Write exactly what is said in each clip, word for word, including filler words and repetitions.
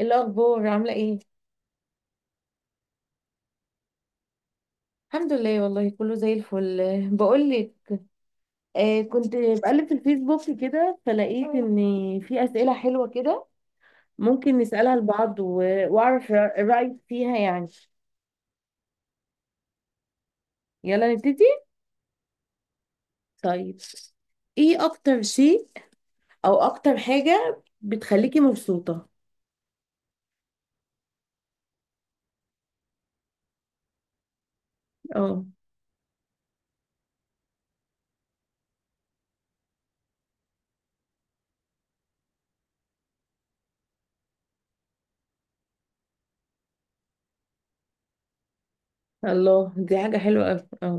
إيه الأخبار عاملة ايه؟ الحمد لله والله، كله زي الفل. بقولك، آه كنت بقلب في الفيسبوك كده فلقيت ان في أسئلة حلوة كده، ممكن نسألها لبعض و- وأعرف رأ- رأيك فيها يعني. يلا نبتدي. طيب، ايه أكتر شيء أو أكتر حاجة بتخليكي مبسوطة؟ اه. الله، دي حاجة حلوة أوي، اه.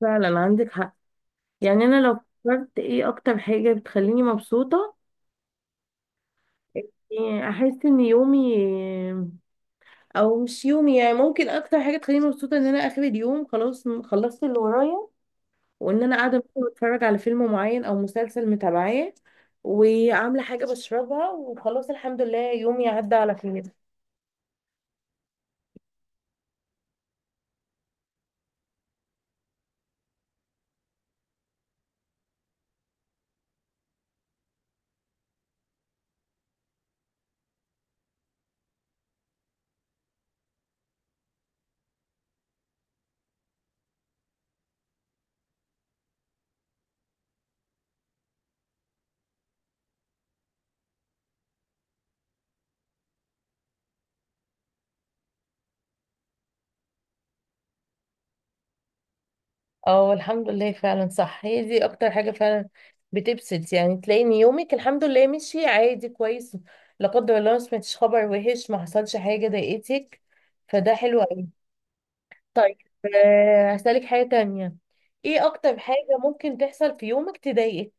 فعلا عندك حق. يعني أنا لو فكرت ايه أكتر حاجة بتخليني مبسوطة، إيه، احس ان يومي، او مش يومي يعني، ممكن اكتر حاجه تخليني مبسوطه ان انا اخر اليوم خلاص م- خلصت اللي ورايا، وان انا قاعده مثلا بتفرج على فيلم معين او مسلسل متابعاه، وعامله حاجه بشربها، وخلاص الحمد لله يومي عدى على خير. اه الحمد لله. فعلا صح، هي دي اكتر حاجه فعلا بتبسط، يعني تلاقي ان يومك الحمد لله مشي عادي كويس، لا قدر الله ما سمعتش خبر وحش، ما حصلش حاجه ضايقتك، فده حلو. طيب، آه، هسألك حاجة تانية. ايه اكتر حاجة ممكن تحصل في يومك تضايقك؟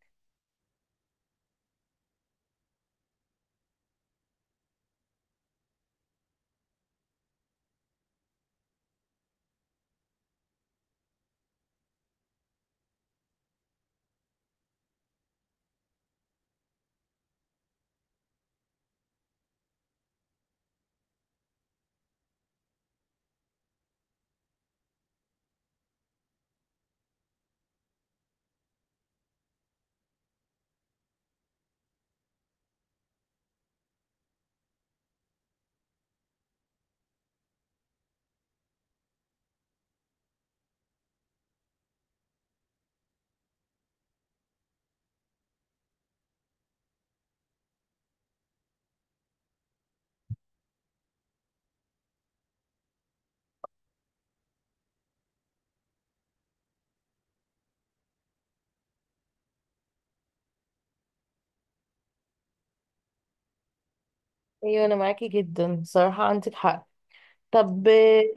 ايوه، انا معاكي جدا، صراحة عندك حق. طب، آه،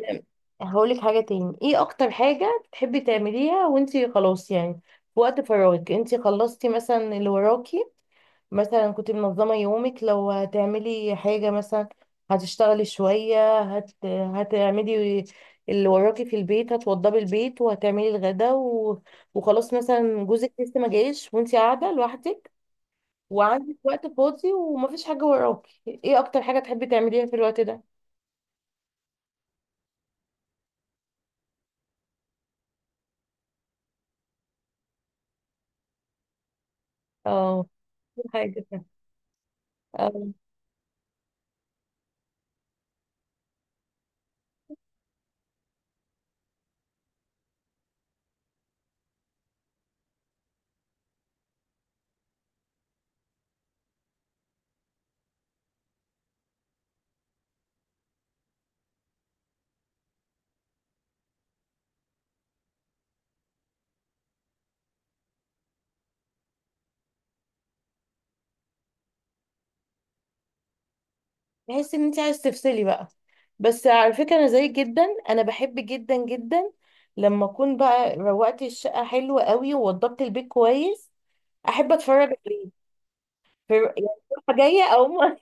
هقولك حاجة تاني. ايه اكتر حاجة بتحبي تعمليها وانتي خلاص يعني في وقت فراغك، انتي خلصتي مثلا اللي وراكي؟ مثلا كنت منظمة يومك، لو هتعملي حاجة مثلا، هتشتغلي شوية، هت... هتعملي اللي وراكي في البيت، هتوضبي البيت وهتعملي الغدا و... وخلاص، مثلا جوزك لسه ما جايش وانتي قاعدة لوحدك وعندك وقت فاضي ومفيش حاجة وراكي، ايه اكتر حاجة تحبي تعمليها في الوقت ده؟ اه، في حاجة. تحس ان انت عايز تفصلي بقى. بس على فكره، انا زيك جدا. انا بحب جدا جدا لما اكون بقى روقت الشقه حلوه قوي ووضبت البيت كويس، احب اتفرج عليه. ف- يعني، رايحة جايه، او ما-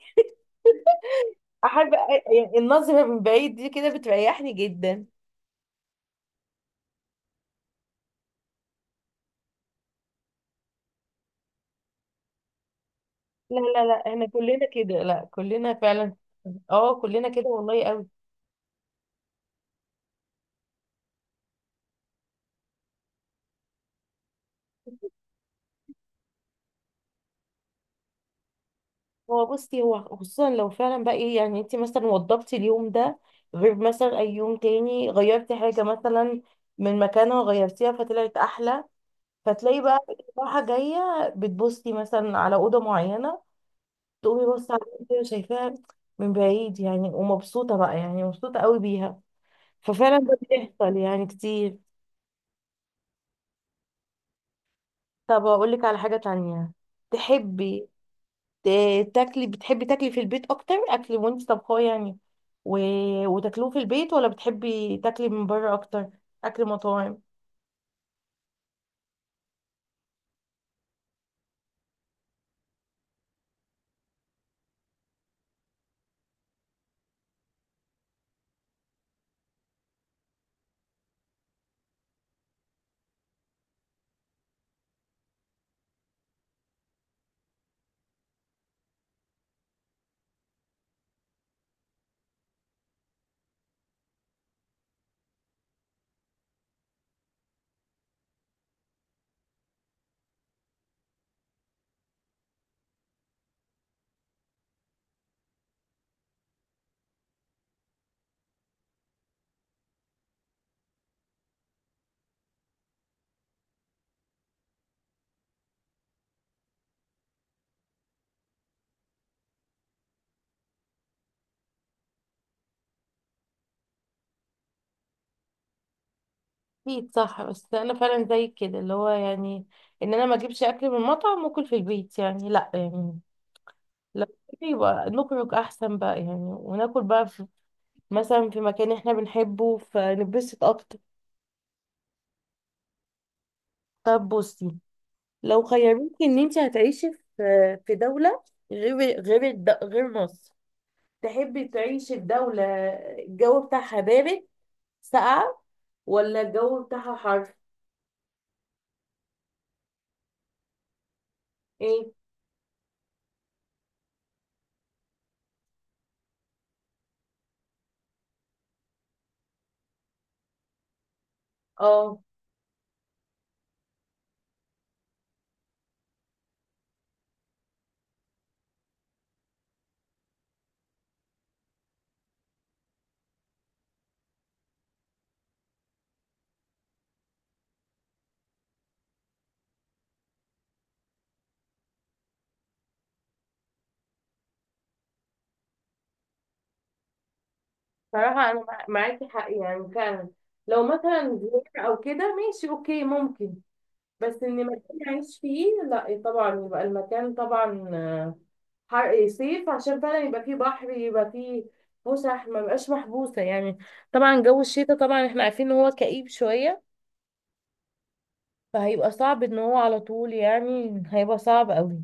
احب يعني النظره من بعيد دي كده بتريحني جدا. لا لا لا، احنا كلنا كده، لا كلنا فعلا. اه كلنا كده والله قوي. هو بصي، هو خصوصا لو فعلا بقى ايه يعني، انت مثلا وضبتي اليوم ده غير مثلا اي يوم تاني، غيرتي حاجة مثلا من مكانها غيرتيها فطلعت احلى، فتلاقي بقى راحة جاية، بتبصي مثلا على أوضة معينة، تقومي بصي على الأوضة شايفاها من بعيد يعني، ومبسوطة بقى يعني، مبسوطة قوي بيها. ففعلا ده بيحصل يعني كتير. طب أقول لك على حاجة تانية. تحبي ت- تاكلي، بتحبي تاكلي في البيت اكتر اكل وانت طبخاه يعني، و... وتاكلوه في البيت، ولا بتحبي تاكلي من بره اكتر، اكل مطاعم؟ اكيد صح. بس انا فعلا زي كده اللي هو يعني، ان انا ما اجيبش اكل من مطعم واكل في البيت، يعني لا يعني، لو كده يبقى نخرج احسن بقى يعني، وناكل بقى في مثلا في مكان احنا بنحبه، فنتبسط اكتر. طب بصي، لو خيروكي ان انت هتعيشي في في دولة غير غير الد- غير مصر، تحبي تعيشي في دولة الجو بتاعها بارد، ساقعة، ولا الجو بتاعها حر؟ ايه اه. صراحة انا مع- معاكي حق يعني فعلا، لو مثلا زيارة او كده ماشي اوكي ممكن، بس ان مكان اعيش فيه لا. إيه طبعا، يبقى المكان طبعا آه، حر، إيه، صيف، عشان فعلا يبقى فيه بحر، يبقى فيه فسح، ما بقاش محبوسة يعني. طبعا جو الشتاء طبعا احنا عارفين ان هو كئيب شوية، فهيبقى صعب ان هو على طول يعني، هيبقى صعب قوي.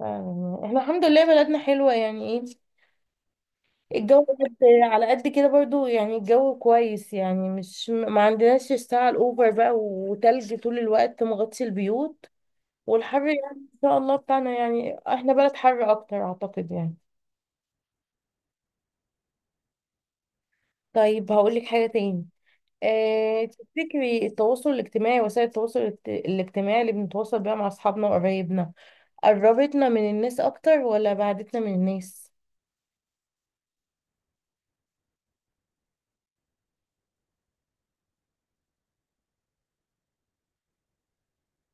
آه، احنا الحمد لله بلدنا حلوة يعني ايه، الجو بجد. على قد كده برضو يعني، الجو كويس يعني، مش ما عندناش الساعة الأوفر بقى وتلج طول الوقت مغطي البيوت، والحر يعني ان شاء الله بتاعنا يعني، احنا بلد حر اكتر اعتقد يعني. طيب، هقولك حاجة تاني. اه تفتكري التواصل الاجتماعي، وسائل التواصل الاجت- الاجتماعي اللي بنتواصل بيها مع اصحابنا وقرايبنا، قربتنا من الناس اكتر ولا بعدتنا من الناس؟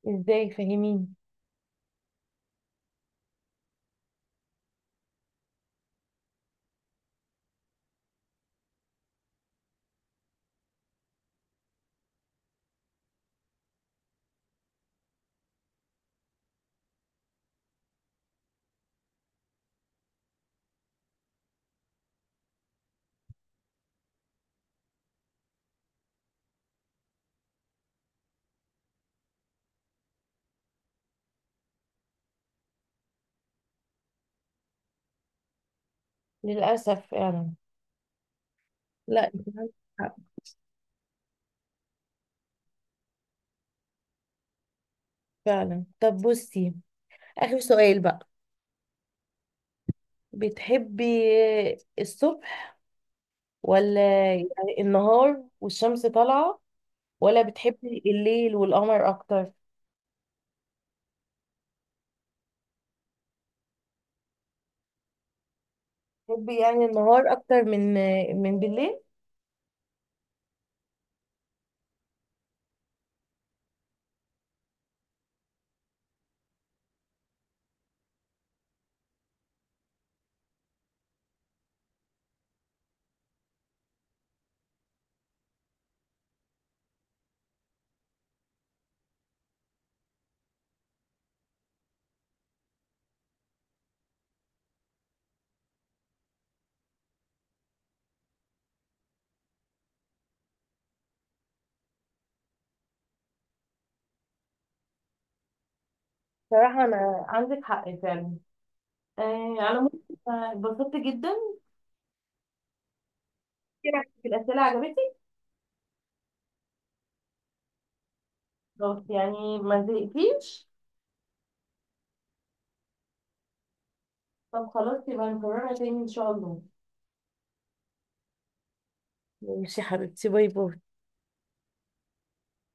ازاي فاهمين؟ للأسف يعني. لا انت عندك حق فعلا. طب بصي، اخر سؤال بقى. بتحبي الصبح، ولا يعني النهار والشمس طالعة، ولا بتحبي الليل والقمر اكتر؟ بتحبي يعني النهار اكتر من من بالليل؟ صراحة انا عندك حق فعلا. آه على مود اتبسطت جدا كتير. في الاسئلة عجبتك؟ خلاص يعني ما زهقتيش؟ طب خلاص، يبقى نكررها تاني ان شاء الله. ماشي يا حبيبتي، باي باي.